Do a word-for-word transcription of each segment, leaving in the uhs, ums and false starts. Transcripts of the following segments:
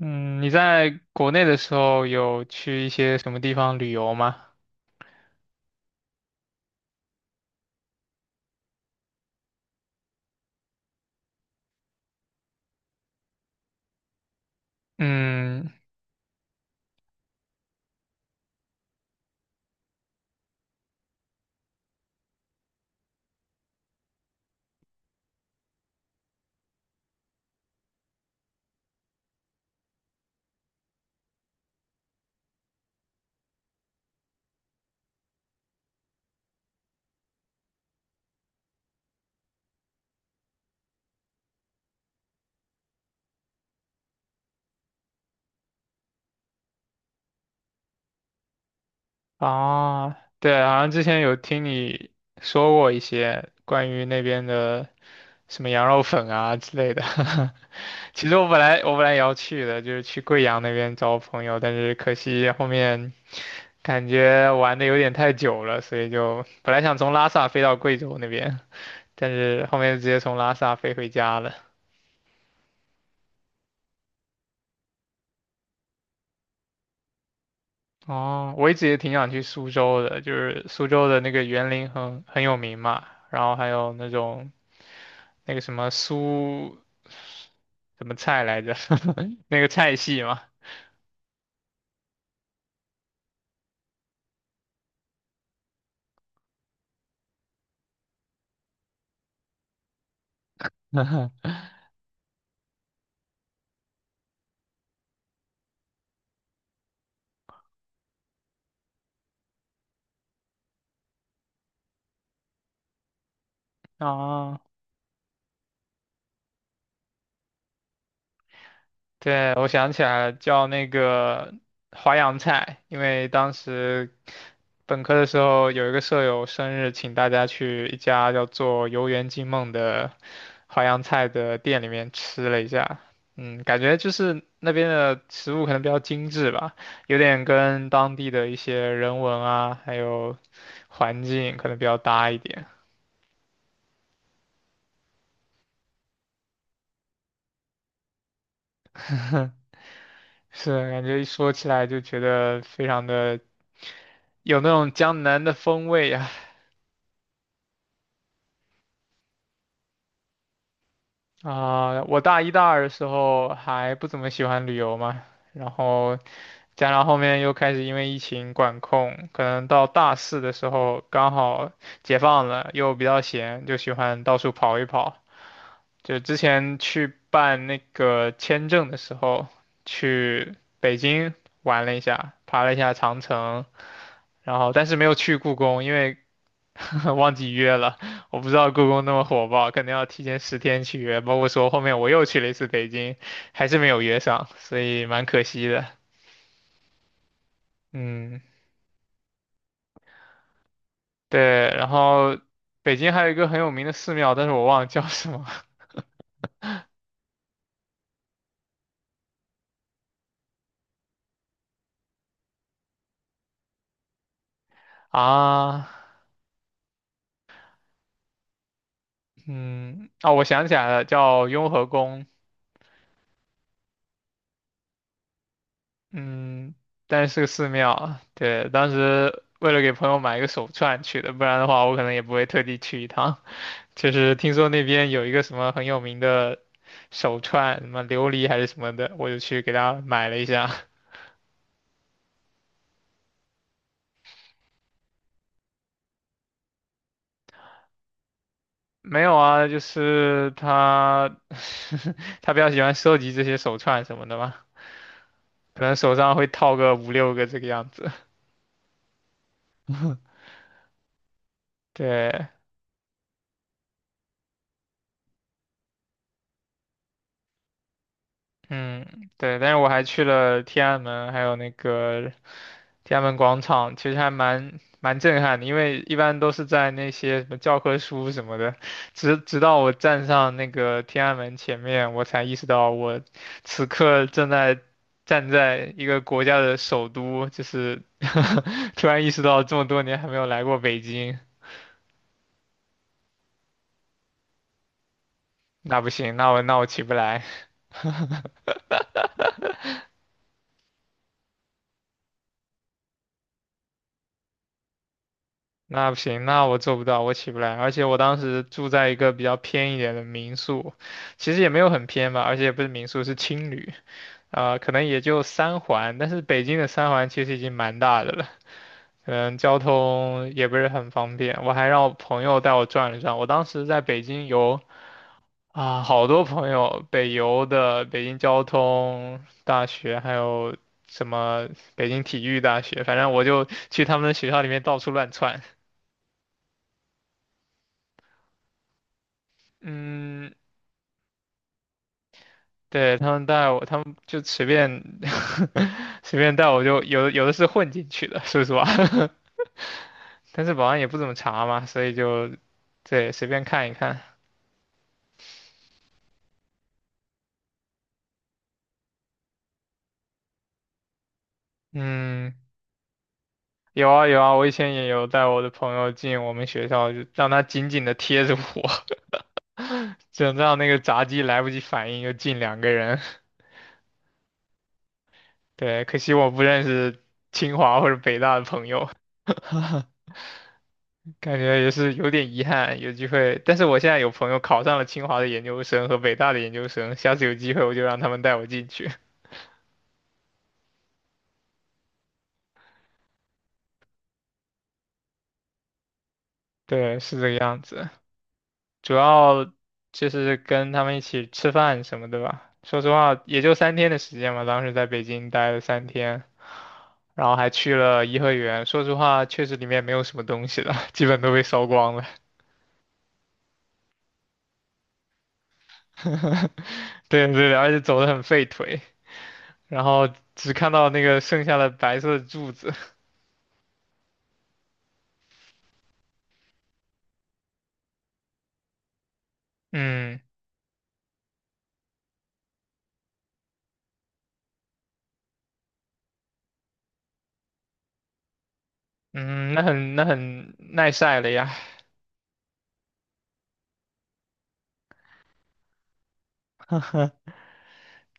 嗯，你在国内的时候有去一些什么地方旅游吗？嗯，啊，对，好像之前有听你说过一些关于那边的什么羊肉粉啊之类的。其实我本来我本来也要去的，就是去贵阳那边找我朋友，但是可惜后面感觉玩的有点太久了，所以就本来想从拉萨飞到贵州那边，但是后面就直接从拉萨飞回家了。哦，我一直也挺想去苏州的，就是苏州的那个园林很很有名嘛，然后还有那种那个什么苏什么菜来着，那个菜系嘛。啊，对，我想起来了，叫那个淮扬菜，因为当时本科的时候有一个舍友生日，请大家去一家叫做"游园惊梦"的淮扬菜的店里面吃了一下。嗯，感觉就是那边的食物可能比较精致吧，有点跟当地的一些人文啊，还有环境可能比较搭一点。是，感觉一说起来就觉得非常的有那种江南的风味啊。啊，我大一大二的时候还不怎么喜欢旅游嘛，然后加上后面又开始因为疫情管控，可能到大四的时候刚好解放了，又比较闲，就喜欢到处跑一跑。就之前去办那个签证的时候，去北京玩了一下，爬了一下长城，然后但是没有去故宫，因为 忘记约了，我不知道故宫那么火爆，可能要提前十天去约。包括说后面我又去了一次北京，还是没有约上，所以蛮可惜的。嗯，对。然后北京还有一个很有名的寺庙，但是我忘了叫什么 啊。嗯，哦，我想起来了，叫雍和宫。嗯，但是是个寺庙。对，当时为了给朋友买一个手串去的，不然的话我可能也不会特地去一趟。就是听说那边有一个什么很有名的手串，什么琉璃还是什么的，我就去给他买了一下。没有啊，就是他 他比较喜欢收集这些手串什么的嘛，可能手上会套个五六个这个样子。对，嗯，对，但是我还去了天安门，还有那个天安门广场，其实还蛮蛮震撼的，因为一般都是在那些什么教科书什么的，直直到我站上那个天安门前面，我才意识到我此刻正在站在一个国家的首都，就是 突然意识到这么多年还没有来过北京，那不行，那我那我起不来。那不行，那我做不到，我起不来。而且我当时住在一个比较偏一点的民宿，其实也没有很偏吧，而且也不是民宿，是青旅，啊、可能也就三环，但是北京的三环其实已经蛮大的了，嗯，交通也不是很方便。我还让我朋友带我转了转，我当时在北京游啊、好多朋友，北邮的、北京交通大学，还有什么北京体育大学，反正我就去他们的学校里面到处乱窜。嗯，对，他们带我，他们就随便 随便带我就有的有的是混进去的，说实话，但是保安也不怎么查嘛，所以就对随便看一看。嗯，有啊有啊，我以前也有带我的朋友进我们学校，就让他紧紧的贴着我，就让那个闸机来不及反应就进两个人。对，可惜我不认识清华或者北大的朋友。感觉也是有点遗憾，有机会。但是我现在有朋友考上了清华的研究生和北大的研究生，下次有机会我就让他们带我进去。对，是这个样子。主要就是跟他们一起吃饭什么的吧。说实话，也就三天的时间嘛，当时在北京待了三天，然后还去了颐和园。说实话，确实里面没有什么东西了，基本都被烧光了。对对对，而且走得很费腿，然后只看到那个剩下的白色的柱子。嗯。嗯，那很那很耐晒了呀，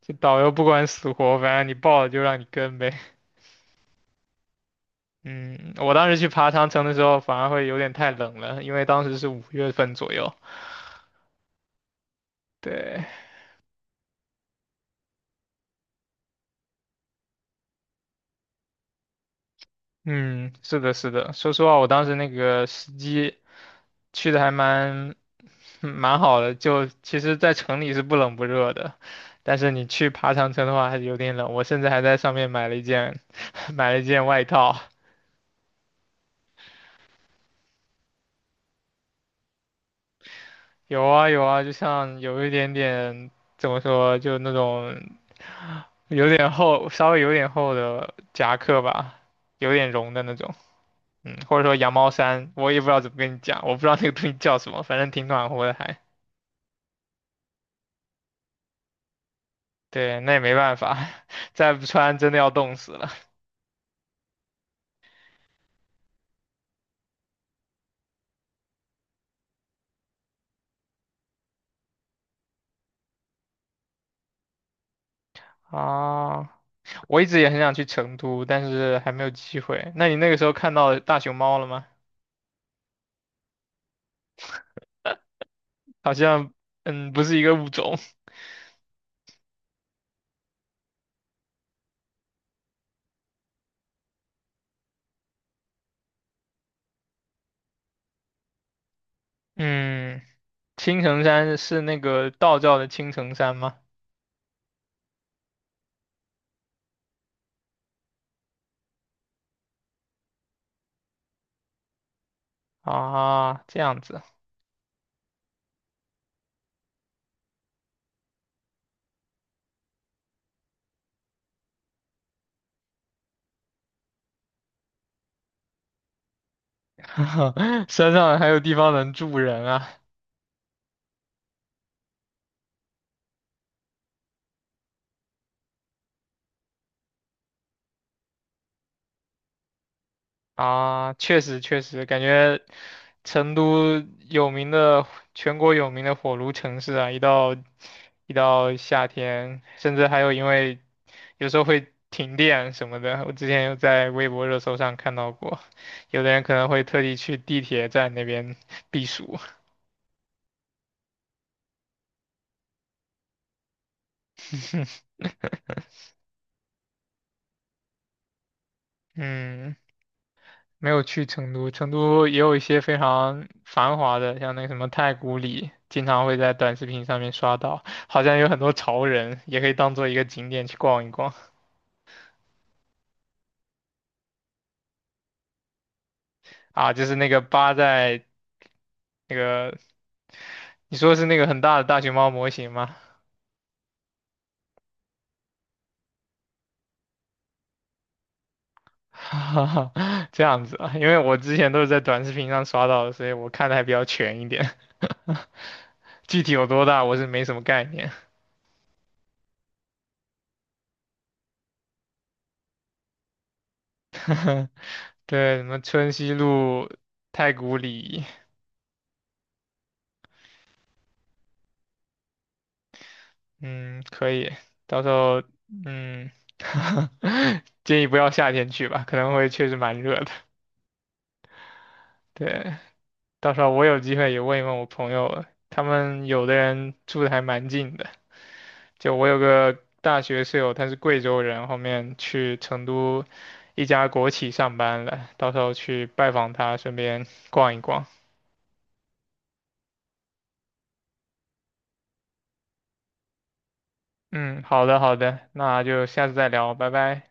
这导游不管死活，反正你报了就让你跟呗。嗯，我当时去爬长城的时候，反而会有点太冷了，因为当时是五月份左右。对，嗯，是的，是的。说实话，我当时那个时机去的还蛮 蛮好的，就其实在城里是不冷不热的，但是你去爬长城的话还是有点冷。我甚至还在上面买了一件 买了一件外套。有啊有啊，就像有一点点怎么说，就那种有点厚，稍微有点厚的夹克吧，有点绒的那种，嗯，或者说羊毛衫，我也不知道怎么跟你讲，我不知道那个东西叫什么，反正挺暖和的还。对，那也没办法，再不穿真的要冻死了啊！我一直也很想去成都，但是还没有机会。那你那个时候看到大熊猫了吗？好像，嗯，不是一个物种。嗯，青城山是那个道教的青城山吗？啊，这样子，山上还有地方能住人啊！啊，确实确实，感觉成都有名的，全国有名的火炉城市啊，一到一到夏天，甚至还有因为有时候会停电什么的，我之前有在微博热搜上看到过，有的人可能会特地去地铁站那边避暑。嗯，没有去成都，成都也有一些非常繁华的，像那个什么太古里，经常会在短视频上面刷到，好像有很多潮人，也可以当做一个景点去逛一逛啊。就是那个扒在那个，你说是那个很大的大熊猫模型吗？这样子啊，因为我之前都是在短视频上刷到的，所以我看的还比较全一点，具体有多大我是没什么概念。对，什么春熙路、太古里。嗯，可以，到时候嗯，建议不要夏天去吧，可能会确实蛮热的。对，到时候我有机会也问一问我朋友，他们有的人住的还蛮近的。就我有个大学室友，他是贵州人，后面去成都一家国企上班了，到时候去拜访他，顺便逛一逛。嗯，好的好的，那就下次再聊，拜拜。